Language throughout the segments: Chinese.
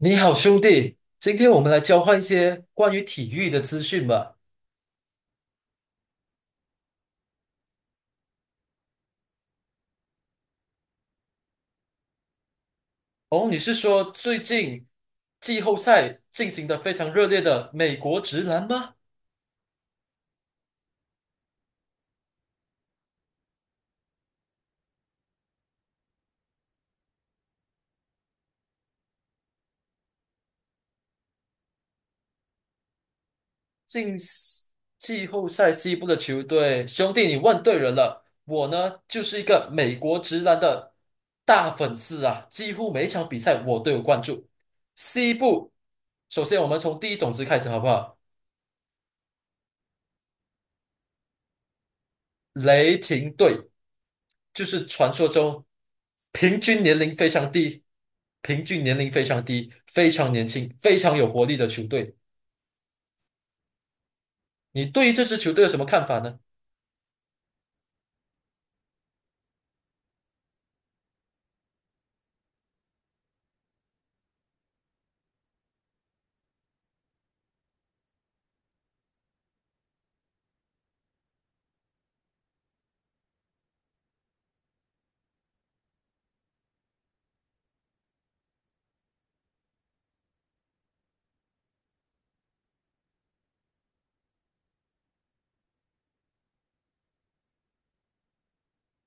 你好，兄弟，今天我们来交换一些关于体育的资讯吧。哦，你是说最近季后赛进行的非常热烈的美国直男吗？进西季后赛西部的球队，兄弟，你问对人了。我呢，就是一个美国直男的大粉丝啊，几乎每一场比赛我都有关注。西部，首先我们从第一种子开始好不好？雷霆队。就是传说中平均年龄非常低，平均年龄非常低，非常年轻，非常有活力的球队。你对于这支球队有什么看法呢？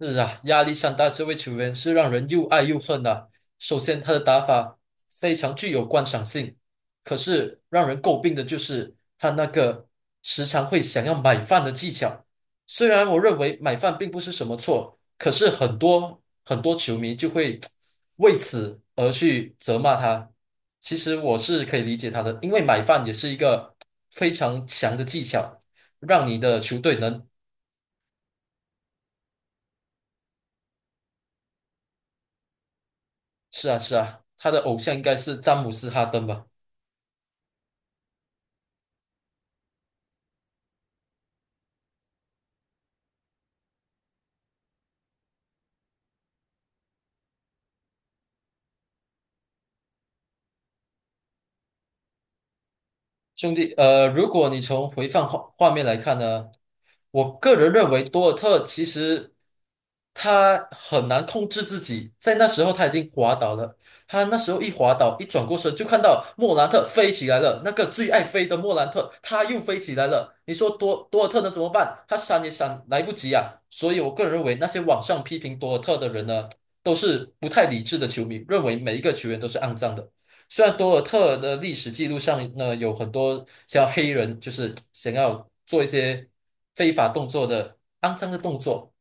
是啊，亚历山大这位球员是让人又爱又恨呐。首先，他的打法非常具有观赏性，可是让人诟病的就是他那个时常会想要买饭的技巧。虽然我认为买饭并不是什么错，可是很多很多球迷就会为此而去责骂他。其实我是可以理解他的，因为买饭也是一个非常强的技巧，让你的球队能是啊，是啊，他的偶像应该是詹姆斯·哈登吧。兄弟，如果你从回放画面来看呢，我个人认为多尔特其实他很难控制自己，在那时候他已经滑倒了，他那时候一滑倒，一转过身就看到莫兰特飞起来了，那个最爱飞的莫兰特，他又飞起来了。你说多尔特能怎么办？他闪也闪来不及啊。所以我个人认为那些网上批评多尔特的人呢，都是不太理智的球迷，认为每一个球员都是肮脏的。虽然多尔特的历史记录上呢，有很多像黑人，就是想要做一些非法动作的肮脏的动作，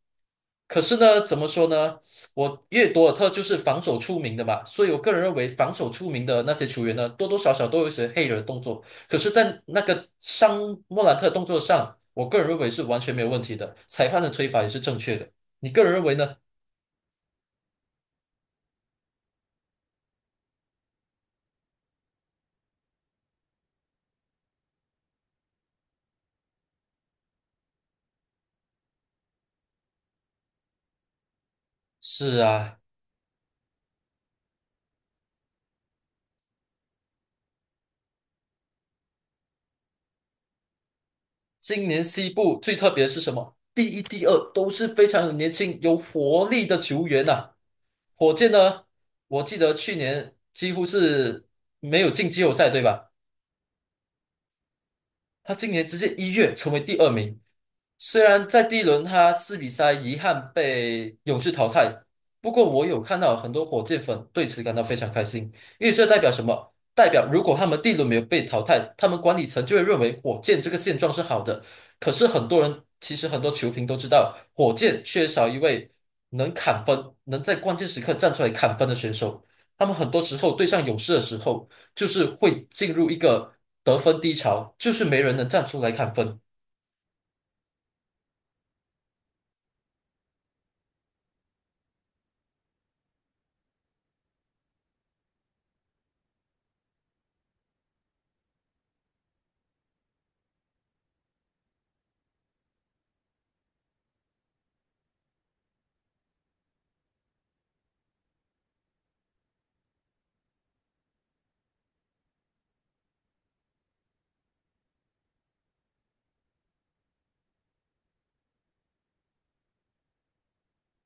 可是呢，怎么说呢？我因为多尔特就是防守出名的嘛，所以我个人认为防守出名的那些球员呢，多多少少都有一些黑人的动作。可是，在那个伤莫兰特动作上，我个人认为是完全没有问题的，裁判的吹罚也是正确的。你个人认为呢？是啊。今年西部最特别的是什么？第一、第二都是非常年轻、有活力的球员呐。火箭呢，我记得去年几乎是没有进季后赛，对吧？他今年直接一跃成为第二名。虽然在第一轮他四比三遗憾被勇士淘汰，不过我有看到很多火箭粉对此感到非常开心，因为这代表什么？代表如果他们第一轮没有被淘汰，他们管理层就会认为火箭这个现状是好的。可是很多人，其实很多球评都知道，火箭缺少一位能砍分、能在关键时刻站出来砍分的选手。他们很多时候对上勇士的时候。就是会进入一个得分低潮，就是没人能站出来砍分。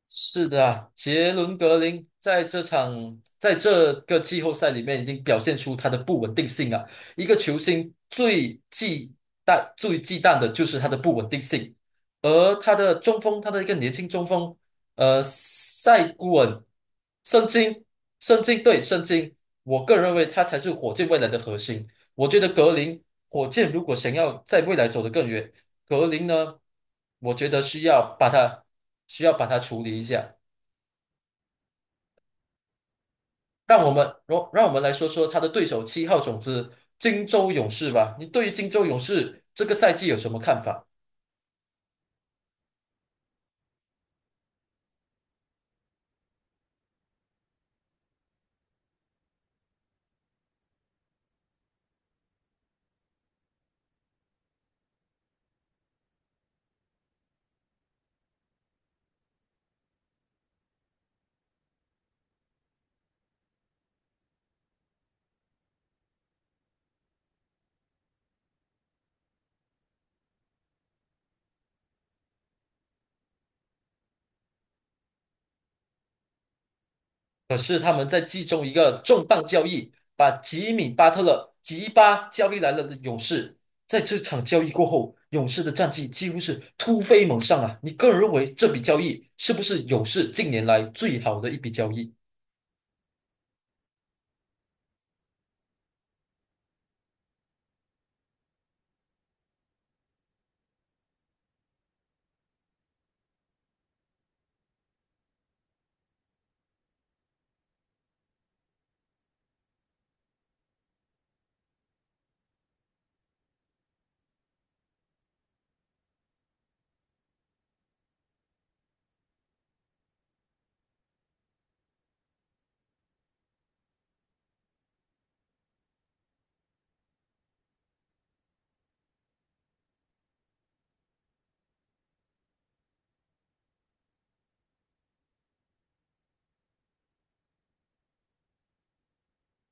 是的啊，杰伦格林在这个季后赛里面已经表现出他的不稳定性啊。一个球星最忌惮、最忌惮的就是他的不稳定性，而他的中锋，他的一个年轻中锋，塞古恩、圣经、圣经对圣经，我个人认为他才是火箭未来的核心。我觉得格林，火箭如果想要在未来走得更远，格林呢，我觉得需要把它处理一下。让我们来说说他的对手七号种子金州勇士吧。你对于金州勇士这个赛季有什么看法？可是他们在季中一个重磅交易，把吉米巴特勒吉巴交易来了的勇士。在这场交易过后，勇士的战绩几乎是突飞猛上啊！你个人认为这笔交易是不是勇士近年来最好的一笔交易？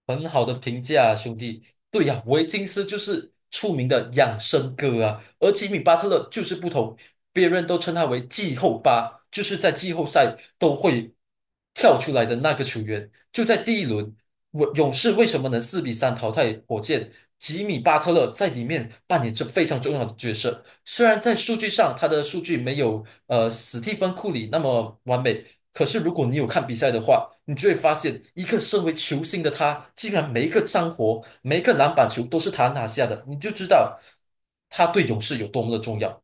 很好的评价啊，兄弟。对呀。维金斯就是出名的养生哥啊，而吉米巴特勒就是不同，别人都称他为季后巴，就是在季后赛都会跳出来的那个球员。就在第一轮，我勇士为什么能四比三淘汰火箭？吉米巴特勒在里面扮演着非常重要的角色。虽然在数据上他的数据没有史蒂芬库里那么完美，可是如果你有看比赛的话，你就会发现，一个身为球星的他，竟然每一个脏活、每一个篮板球都是他拿下的，你就知道他对勇士有多么的重要。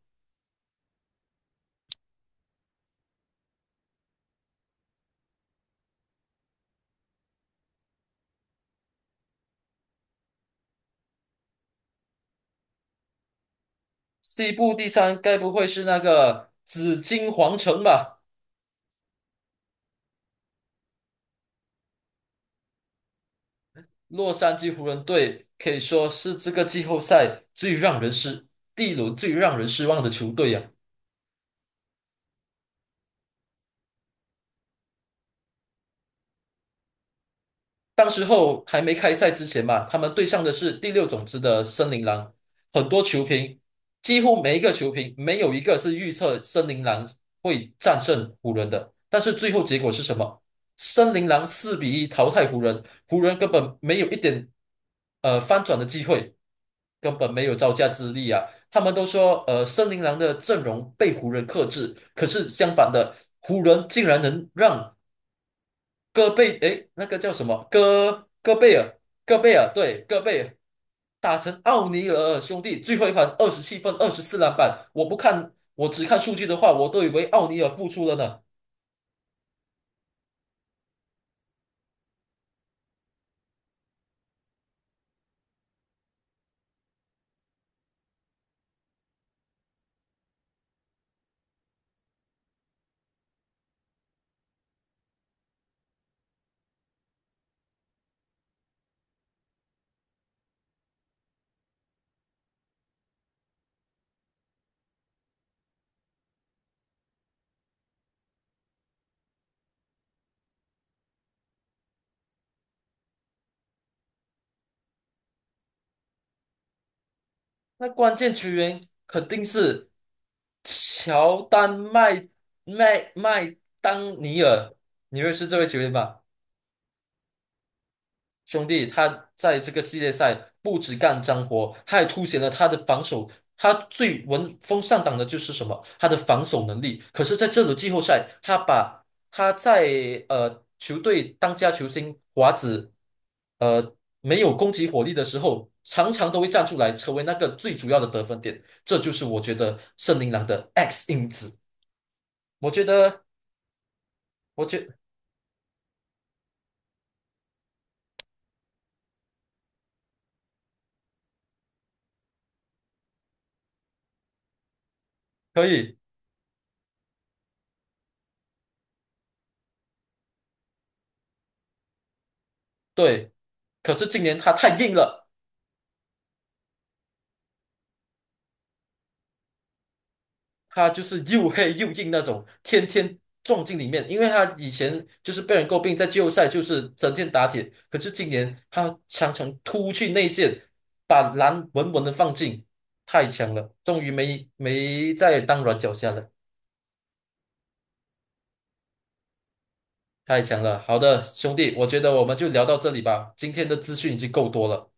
西部第三，该不会是那个紫金皇城吧？洛杉矶湖人队可以说是这个季后赛最让人失第一轮最让人失望的球队呀。当时候还没开赛之前嘛，他们对上的是第六种子的森林狼，很多球评几乎每一个球评没有一个是预测森林狼会战胜湖人的，但是最后结果是什么？森林狼4-1淘汰湖人，湖人根本没有一点翻转的机会，根本没有招架之力啊！他们都说森林狼的阵容被湖人克制，可是相反的，湖人竟然能让戈贝，诶，那个叫什么？戈贝尔，戈贝尔，对，戈贝尔打成奥尼尔兄弟，最后一盘27分，24篮板。我不看，我只看数据的话，我都以为奥尼尔复出了呢。那关键球员肯定是乔丹麦麦当尼尔，你认识这位球员吧？兄弟，他在这个系列赛不止干脏活，他还凸显了他的防守。他最闻风丧胆的就是什么？他的防守能力。可是，在这轮季后赛，他把他在球队当家球星华子，呃没有攻击火力的时候，常常都会站出来，成为那个最主要的得分点。这就是我觉得圣琳狼的 X 因子。我觉得，我觉可以，对。可是今年他太硬了。他就是又黑又硬那种，天天撞进里面。因为他以前就是被人诟病，在季后赛就是整天打铁，可是今年他常常突去内线，把篮稳稳的放进，太强了，终于没再当软脚虾了，太强了。好的，兄弟，我觉得我们就聊到这里吧，今天的资讯已经够多了。